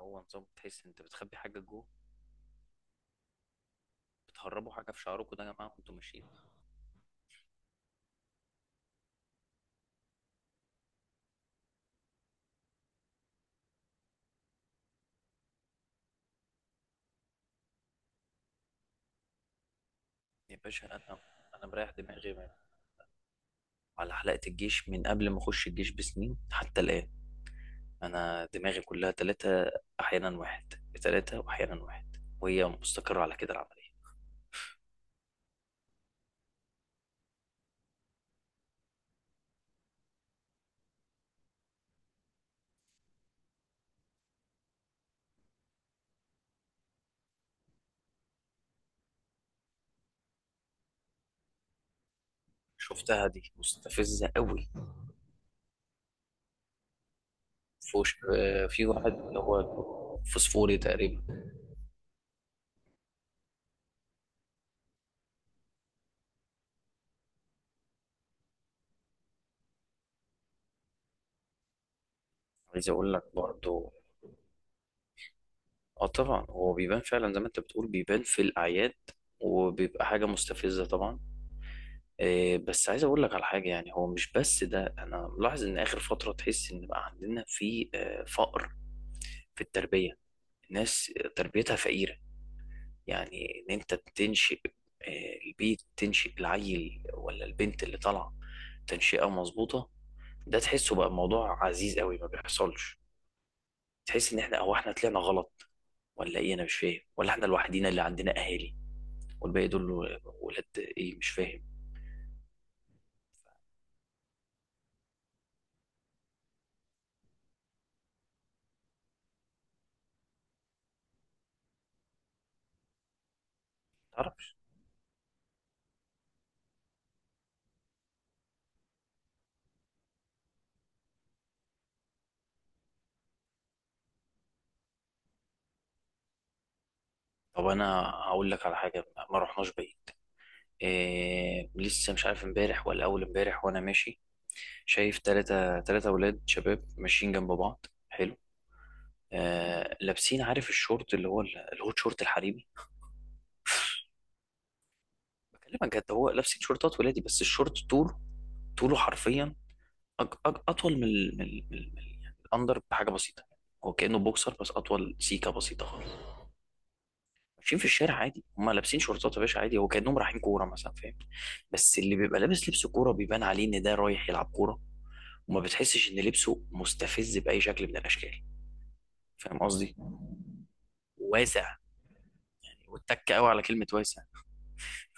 هو نظام تحس انت بتخبي حاجه جوه. بتهربوا حاجه في شعركم ده يا جماعه وانتوا ماشيين. يا باشا انا مريح دماغي على حلقه الجيش من قبل ما اخش الجيش بسنين حتى الان. انا دماغي كلها ثلاثه، احيانا واحد. ثلاثه واحيانا واحد، وهي مستقره على كده العمليه. شفتها دي مستفزه قوي. آه، في واحد اللي هو فوسفوري تقريبا. عايز اقول لك برضه. اه طبعا هو بيبان فعلا زي ما انت بتقول، بيبان في الاعياد وبيبقى حاجه مستفزه طبعا. إيه، بس عايز اقول لك على حاجه، يعني هو مش بس ده، انا ملاحظ ان اخر فتره تحس ان بقى عندنا في آه، فقر في التربيه. الناس تربيتها فقيره. يعني ان انت بتنشئ آه، البيت، تنشئ العيل ولا البنت اللي طالعه، تنشئه مظبوطه، ده تحسه بقى موضوع عزيز قوي ما بيحصلش. تحس ان احنا او احنا طلعنا غلط ولا ايه، انا مش فاهم، ولا احنا الوحيدين اللي عندنا اهالي والباقي دول ولاد ايه، مش فاهم. متعرفش. طب انا هقول لك على حاجه، ما رحناش بعيد. إيه لسه، مش عارف امبارح ولا اول امبارح، وانا ماشي شايف تلاتة تلاتة اولاد شباب ماشيين جنب بعض حلو. آه لابسين، عارف الشورت اللي هو الهوت شورت الحريمي. بكلمك جد، هو لابسين شورتات ولادي بس الشورت طوله، طوله حرفيا أج اطول من يعني الاندر بحاجه بسيطه. هو كانه بوكسر بس اطول سيكه بسيطه خالص. ماشيين في الشارع عادي، هم لابسين شورتات يا باشا عادي، هو كانهم رايحين كوره مثلا، فاهم. بس اللي بيبقى لابس لبس كوره بيبان عليه ان ده رايح يلعب كوره، وما بتحسش ان لبسه مستفز باي شكل من الاشكال. فاهم قصدي، واسع. واتك قوي على كلمه واسع.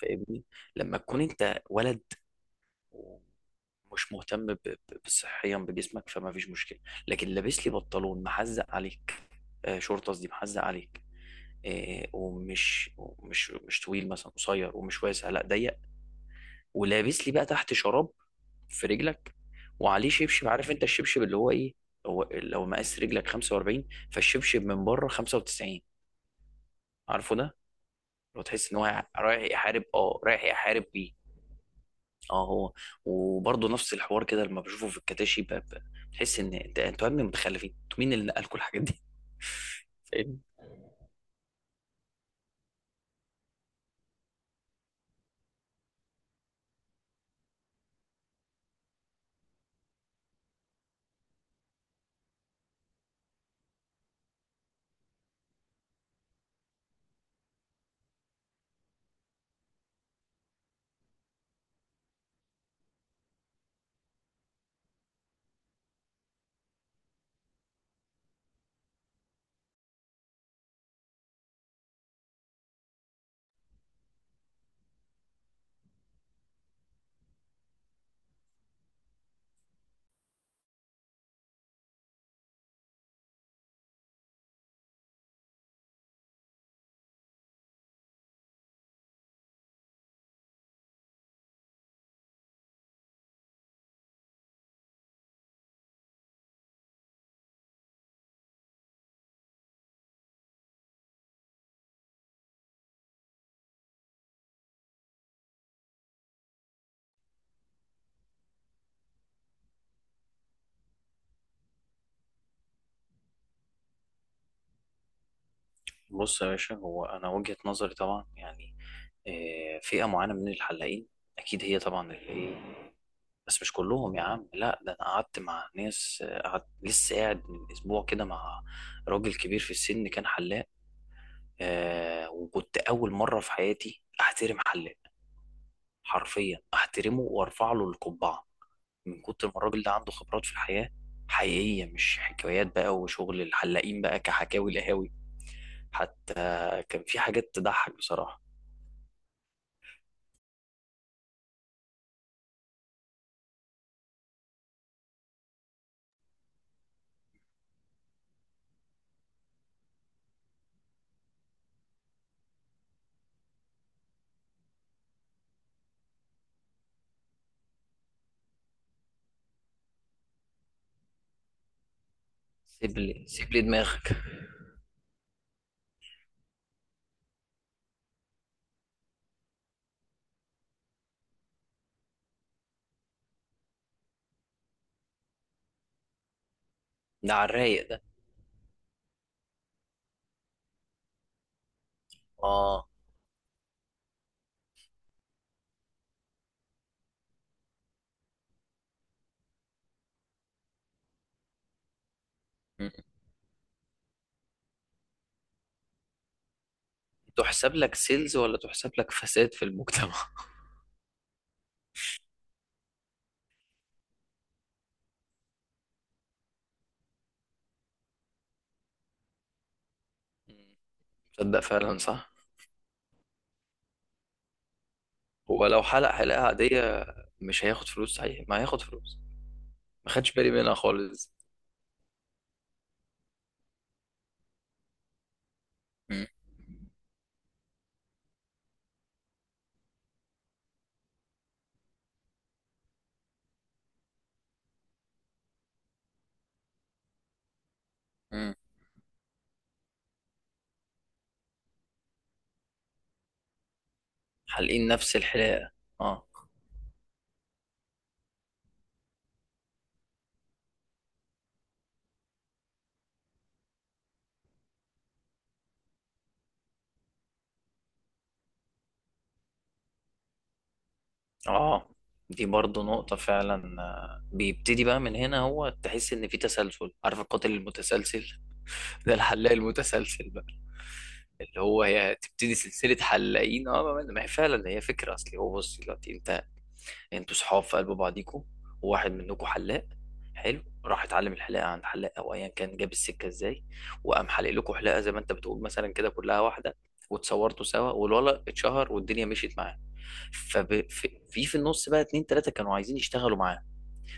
فاهمني. لما تكون انت ولد ومش مهتم بصحيا بجسمك، فما فيش مشكله. لكن لابس لي بنطلون محزق عليك آه، شورت قصدي، محزق عليك آه، ومش مش طويل مثلا، قصير ومش واسع، لا ضيق، ولابس لي بقى تحت شراب في رجلك، وعليه شبشب، عارف انت الشبشب اللي هو ايه. هو لو مقاس رجلك 45، فالشبشب من بره 95. عارفه ده، لو تحس ان هو رايح يحارب، اه رايح يحارب بيه. اه هو. وبرضه نفس الحوار كده لما بشوفه في الكتاشي بتحس ان انتوا يا ابني متخلفين، انتوا مين اللي نقل كل الحاجات دي؟ فاهم. بص يا باشا، هو انا وجهة نظري طبعا يعني آه، فئة معينة من الحلاقين اكيد هي، طبعا اللي إيه؟ بس مش كلهم يا عم، لا ده انا قعدت مع ناس آه، قعدت لسه قاعد من اسبوع كده مع راجل كبير في السن كان حلاق آه، وكنت اول مره في حياتي احترم حلاق، حرفيا احترمه وارفع له القبعه، من كتر ما الراجل ده عنده خبرات في الحياه حقيقيه، مش حكايات بقى وشغل الحلاقين بقى كحكاوي لهاوي. حتى كان في حاجات تضحك بصراحه. سيب لي دماغك. ده على الرايق ده. اه. م. تحسب لك سيلز ولا تحسب لك فساد في المجتمع؟ مم. تصدق، فعلا صح. هو لو حلق حلقة عادية مش هياخد فلوس؟ صحيح، ما هياخد فلوس. ما خدش بالي منها خالص. مم. مم. حالقين نفس الحلاقة. اه. اه. دي برضه نقطة فعلا آه، بيبتدي بقى من هنا، هو تحس إن في تسلسل، عارف القاتل المتسلسل، ده الحلاق المتسلسل بقى. اللي هو هي تبتدي سلسلة حلاقين. اه ما هي فعلا هي فكرة أصلي. هو بص دلوقتي أنت، انتوا صحاب في قلب بعضيكوا، وواحد منكوا حلاق حلو، راح اتعلم الحلاقه عند حلاق او ايا كان، جاب السكه ازاي وقام حلق لكم حلاقه زي ما انت بتقول مثلا، كده كلها واحده، واتصورتوا سوا والولد اتشهر والدنيا مشيت معاه. ففي في في النص بقى اتنين تلاته كانوا عايزين يشتغلوا معاه،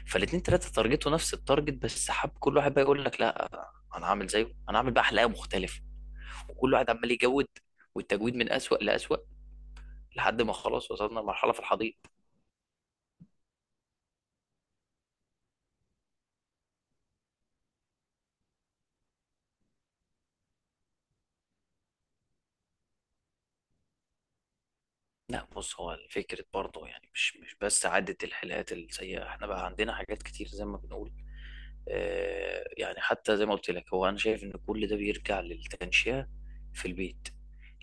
فالاتنين تلاته تارجتوا نفس التارجت، بس حب كل واحد بقى يقول لك لا، انا هعمل زيه، انا هعمل بقى حلاقه مختلفه، وكل واحد عمال يجود، والتجويد من اسوأ لاسوأ، لحد ما خلاص وصلنا لمرحله في الحضيض. لا بص، هو فكرة برضه يعني مش بس عدة الحلقات السيئة، احنا بقى عندنا حاجات كتير زي ما بنقول. اه يعني حتى زي ما قلت لك، هو انا شايف ان كل ده بيرجع للتنشئة في البيت.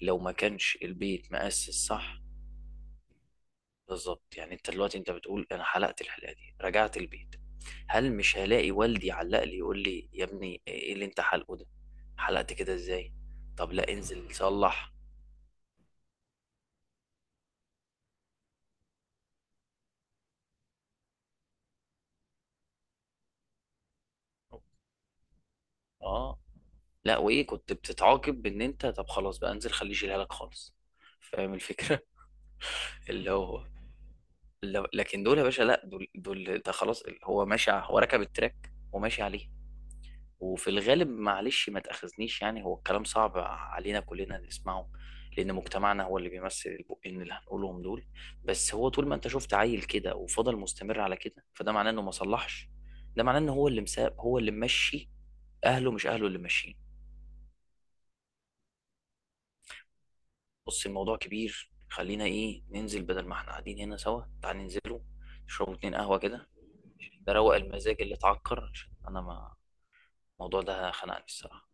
لو ما كانش البيت مؤسس صح، بالظبط. يعني انت دلوقتي انت بتقول انا حلقت الحلقة دي رجعت البيت، هل مش هلاقي والدي علق لي يقول لي يا ابني ايه اللي انت حلقه ده؟ حلقت كده ازاي؟ طب لا، انزل صلح. اه، لا وايه كنت بتتعاقب بان انت، طب خلاص بقى، انزل خليه يشيلها لك خالص، فاهم الفكره. اللي هو اللي... لكن دول يا باشا، لا دول دول ده خلاص هو ماشي هو ركب التراك وماشي عليه. وفي الغالب معلش ما تاخذنيش، يعني هو الكلام صعب علينا كلنا نسمعه، لان مجتمعنا هو اللي بيمثل البقين اللي هنقولهم دول. بس هو طول ما انت شفت عيل كده وفضل مستمر على كده، فده معناه انه ما صلحش، ده معناه ان هو اللي مساب هو اللي ممشي، اهله مش اهله اللي ماشيين. بص الموضوع كبير، خلينا ايه، ننزل بدل ما احنا قاعدين هنا سوا، تعال ننزلوا نشربوا اتنين قهوة كده. ده روق المزاج اللي اتعكر، عشان انا ما، الموضوع ده خنقني الصراحة.